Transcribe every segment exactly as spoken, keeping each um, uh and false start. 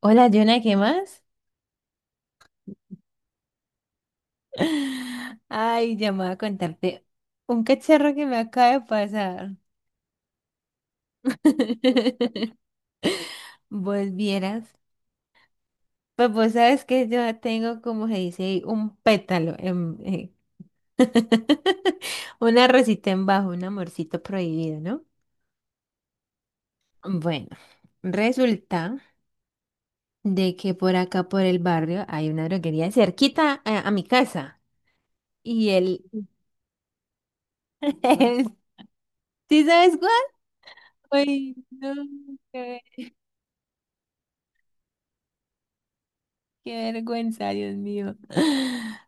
Hola, Jonah, ¿qué más? Ay, ya me voy a contarte un cacharro que me acaba de pasar. Vos vieras. Pues vos sabes que yo tengo, como se dice, un pétalo, en, eh, una rosita en bajo, un amorcito prohibido, ¿no? Bueno, resulta de que por acá, por el barrio, hay una droguería cerquita a, a mi casa. Y él, Ujú. ¿Sí sabes cuál? Ay, no. Qué vergüenza, Dios mío.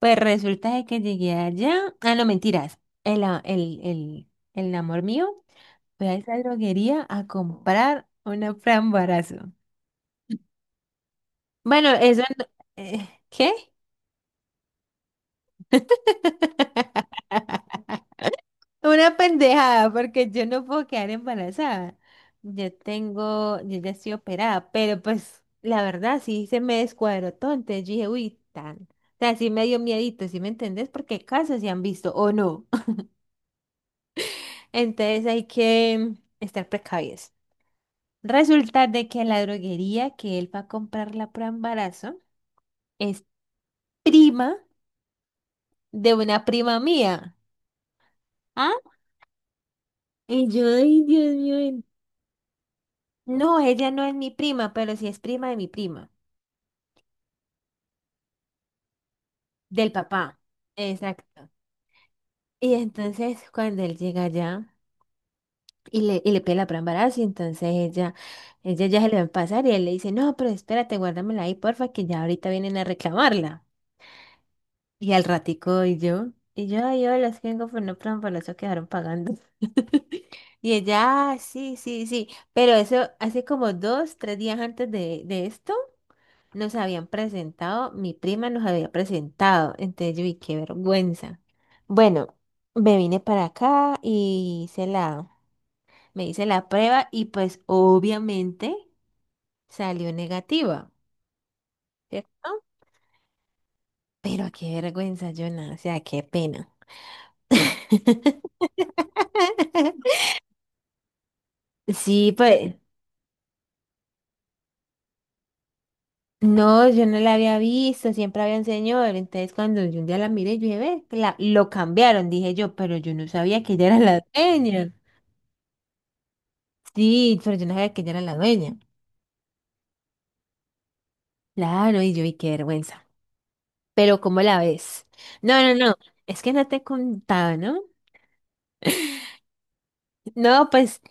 Pues resulta de que llegué allá. Ah, no, mentiras. El, a- el, el, el amor mío fue a esa droguería a comprar una frambarazo. Bueno, eso no- eh, ¿qué? Una pendejada, porque yo no puedo quedar embarazada. Yo tengo, yo ya estoy operada, pero pues la verdad sí se me descuadró todo. Entonces yo dije, uy, tan. O sea, sí me dio miedito, ¿sí me entendés? Porque casos se han visto o no. Entonces hay que estar precavidos. Resulta de que la droguería que él va a comprar la prueba de embarazo es prima de una prima mía. ¿Ah? Y yo, ay, Dios mío. En- No, ella no es mi prima, pero sí es prima de mi prima, del papá. Exacto. Y entonces cuando él llega allá y le, y le pide la prueba de embarazo, y entonces ella, ella ya se le va a pasar y él le dice, no, pero espérate, guárdamela ahí, porfa, que ya ahorita vienen a reclamarla. Y al ratico, y yo, y yo, yo las vengo por no plan, por eso quedaron pagando. Y ella, "Ah, sí, sí, sí, pero eso hace como dos, tres días antes de, de esto, nos habían presentado, mi prima nos había presentado, entonces yo, y qué vergüenza. Bueno, me vine para acá y hice la, me hice la prueba y pues obviamente salió negativa, ¿cierto? Pero qué vergüenza, Jonah, o sea, qué pena. Sí, pues. No, yo no la había visto, siempre había un señor. Entonces, cuando yo un día la miré, yo dije, ve, la, lo cambiaron, dije yo, pero yo no sabía que ella era la dueña. Sí, pero yo no sabía que ella era la dueña. Claro, y yo, y qué vergüenza. Pero, ¿cómo la ves? No, no, no, es que no te he contado, ¿no? No, pues,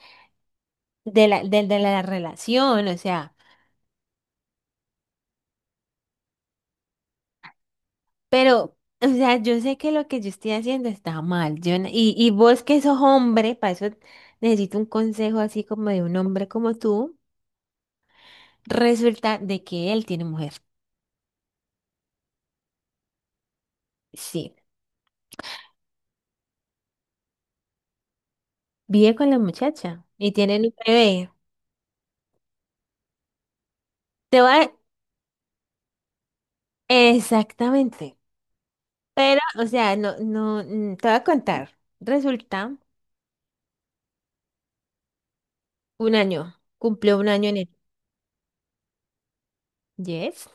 de la, de, de la relación, o sea, pero, o sea, yo sé que lo que yo estoy haciendo está mal. Yo, no- y, y vos que sos hombre, para eso necesito un consejo así como de un hombre como tú. Resulta de que él tiene mujer. Sí, vive con la muchacha y tienen un bebé. Te va exactamente. Pero, o sea, no, no, mm, te voy a contar. Resulta, un año, cumplió un año en el... Yes.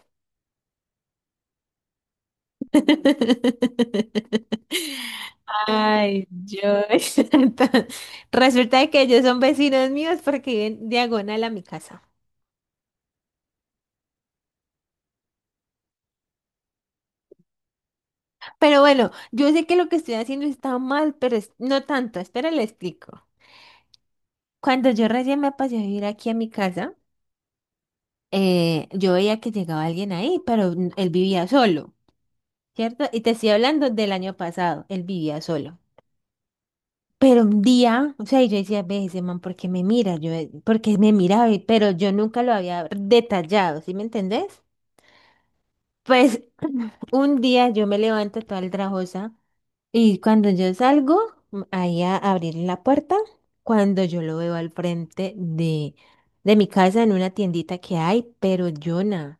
Ay, Dios. Entonces, resulta de que ellos son vecinos míos porque viven diagonal a mi casa. Pero bueno, yo sé que lo que estoy haciendo está mal, pero es- no tanto. Espera, le explico. Cuando yo recién me pasé a vivir aquí a mi casa, eh, yo veía que llegaba alguien ahí, pero n- él vivía solo, ¿cierto? Y te estoy hablando del año pasado, él vivía solo. Pero un día, o sea, y yo decía, ve ese man, ¿por qué me mira? Yo, eh, ¿por qué me miraba? Y- Pero yo nunca lo había detallado, ¿sí me entendés? Pues un día yo me levanto toda trabajosa y cuando yo salgo mm, ahí a abrir la puerta, cuando yo lo veo al frente de, de, mi casa en una tiendita que hay, pero Jonah,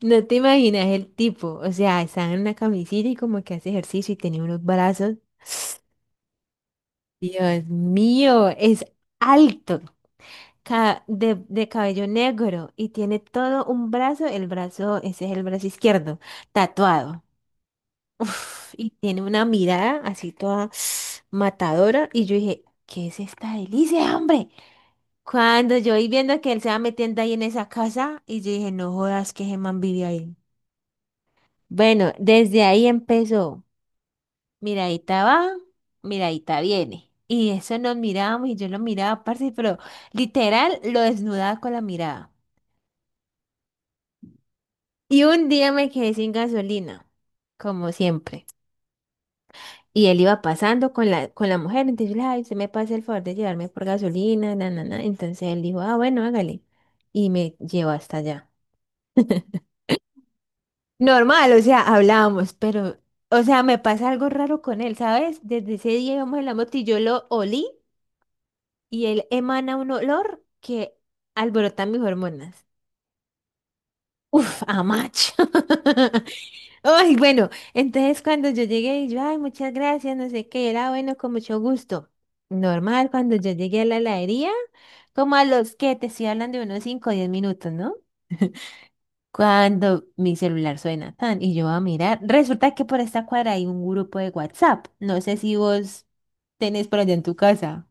no te imaginas el tipo, o sea, está en una camisita y como que hace ejercicio y tiene unos brazos. Dios mío, es alto, ca- de, de cabello negro y tiene todo un brazo, el brazo, ese es el brazo izquierdo, tatuado. Uf, y tiene una mirada así toda matadora. Y yo dije, ¿qué es esta delicia, hombre? Cuando yo vi viendo que él se va metiendo ahí en esa casa, y yo dije, no jodas que ese man vive ahí. Bueno, desde ahí empezó. Miradita va, miradita viene. Y eso nos mirábamos y yo lo miraba, parce, pero literal lo desnudaba con la mirada. Y un día me quedé sin gasolina, como siempre. Y él iba pasando con la, con la mujer, entonces yo le dije, ay, usted me pasa el favor de llevarme por gasolina, na, na, na". Entonces él dijo, ah, bueno, hágale. Y me llevó hasta allá. Normal, o sea, hablábamos, pero, o sea, me pasa algo raro con él, ¿sabes? Desde ese día íbamos en la moto y yo lo olí y él emana un olor que alborota mis hormonas. Uf, a macho. Ay, bueno, entonces cuando yo llegué, y yo, ay, muchas gracias, no sé qué, era bueno, con mucho gusto. Normal, cuando yo llegué a la heladería, como a los que te estoy hablando de unos cinco o diez minutos, ¿no? Cuando mi celular suena tan y yo voy a mirar, resulta que por esta cuadra hay un grupo de WhatsApp. No sé si vos tenés por allá en tu casa.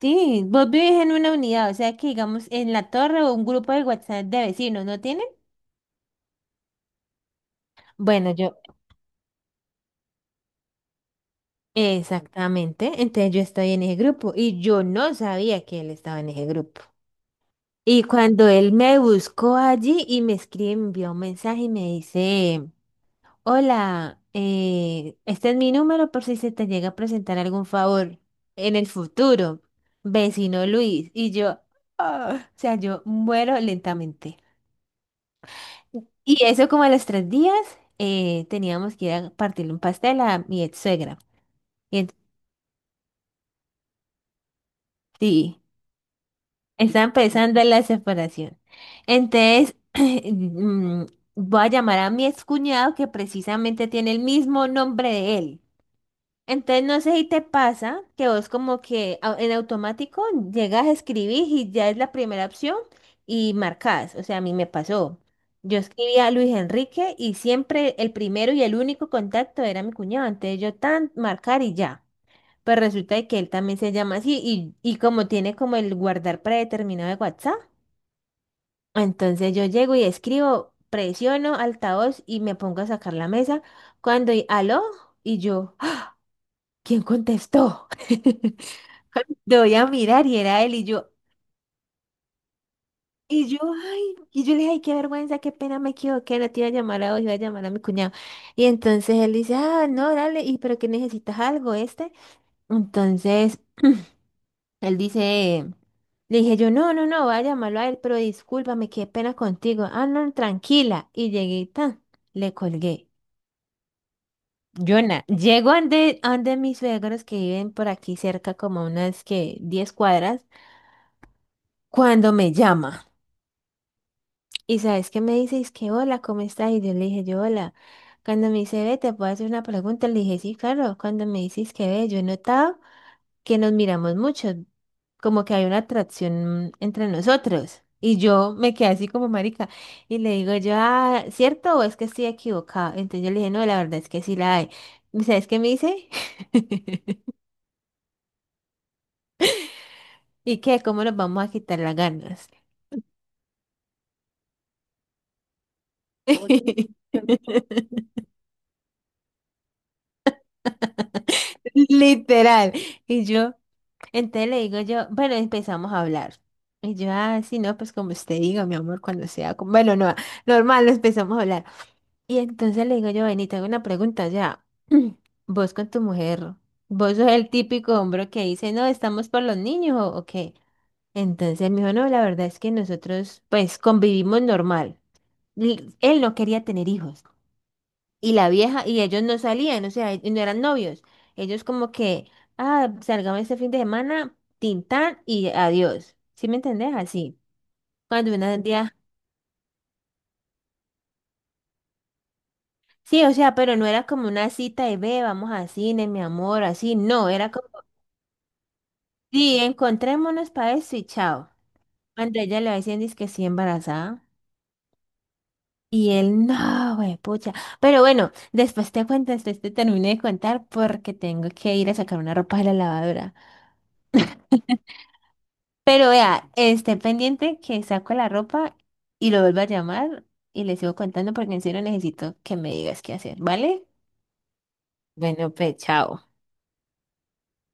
Sí, vos vivís en una unidad, o sea que digamos en la torre o un grupo de WhatsApp de vecinos, ¿no tienen? Bueno, yo, exactamente. Entonces yo estoy en ese grupo y yo no sabía que él estaba en ese grupo. Y cuando él me buscó allí y me escribe, me envió un mensaje y me dice, hola, eh, este es mi número por si se te llega a presentar algún favor en el futuro, vecino Luis. Y yo, ah, o sea, yo muero lentamente. Y eso como a los tres días eh, teníamos que ir a partirle un pastel a mi ex suegra. Y, en- sí. Está empezando la separación. Entonces, mm, voy a llamar a mi excuñado que precisamente tiene el mismo nombre de él. Entonces, no sé si te pasa que vos como que au- en automático llegas a escribir y ya es la primera opción y marcas. O sea, a mí me pasó. Yo escribía a Luis Enrique y siempre el primero y el único contacto era mi cuñado. Entonces, yo tan marcar y ya. Pues resulta de que él también se llama así y, y como tiene como el guardar predeterminado de WhatsApp, entonces yo llego y escribo, presiono altavoz y me pongo a sacar la mesa. Cuando, y- aló, y yo, ¡ah! ¿Quién contestó? Doy a mirar y era él y yo, y yo, ay, y yo le dije, ay, qué vergüenza, qué pena, me equivoqué, no te iba a llamar a vos, iba a llamar a mi cuñado. Y entonces él dice, ah, no, dale, y pero que necesitas algo este. Entonces él dice, le dije yo, no, no, no, voy a llamarlo a él, pero discúlpame, qué pena contigo. Ah, no, tranquila. Y llegué y tan, le colgué. Yona, llego ande, ande mis suegros que viven por aquí cerca, como unas que diez cuadras, cuando me llama. Y sabes qué me dice, es que hola, ¿cómo estás? Y yo le dije yo, hola. Cuando me dice, ve, te puedo hacer una pregunta, le dije, sí, claro. Cuando me dices que ve, yo he notado. Que nos miramos mucho, como que hay una atracción entre nosotros. Y yo me quedé así como marica y le digo yo, ah, ¿cierto o es que estoy equivocada? Entonces yo le dije, no, la verdad es que sí la hay. ¿Y sabes qué me dice? ¿Y qué? ¿Cómo nos vamos a quitar las ganas? Oye. Literal. Y yo, entonces le digo yo, bueno, empezamos a hablar. Y yo, ah, sí, no, pues como usted diga, mi amor, cuando sea, como- bueno, no, normal, nos empezamos a hablar. Y entonces le digo yo, ven y te hago una pregunta ya. Vos con tu mujer, vos sos el típico hombre que dice, no, estamos por los niños o, o qué. Entonces él me dijo, no, la verdad es que nosotros pues convivimos normal. L- Él no quería tener hijos. Y la vieja, y ellos no salían, o sea, y no eran novios. Ellos como que, ah, salgamos este fin de semana, tintán y adiós. ¿Sí me entendés? Así. Cuando una día... Sí, o sea, pero no era como una cita de ve, vamos a cine, mi amor, así, no, era como Sí, encontrémonos para eso y chao. Cuando ella le va diciendo es que sí embarazada. Y él, no, güey, pucha. Pero bueno, después te cuento, después te termino de contar porque tengo que ir a sacar una ropa de la lavadora. Pero vea, esté pendiente que saco la ropa y lo vuelvo a llamar y le sigo contando porque en serio necesito que me digas qué hacer, ¿vale? Bueno, pues chao.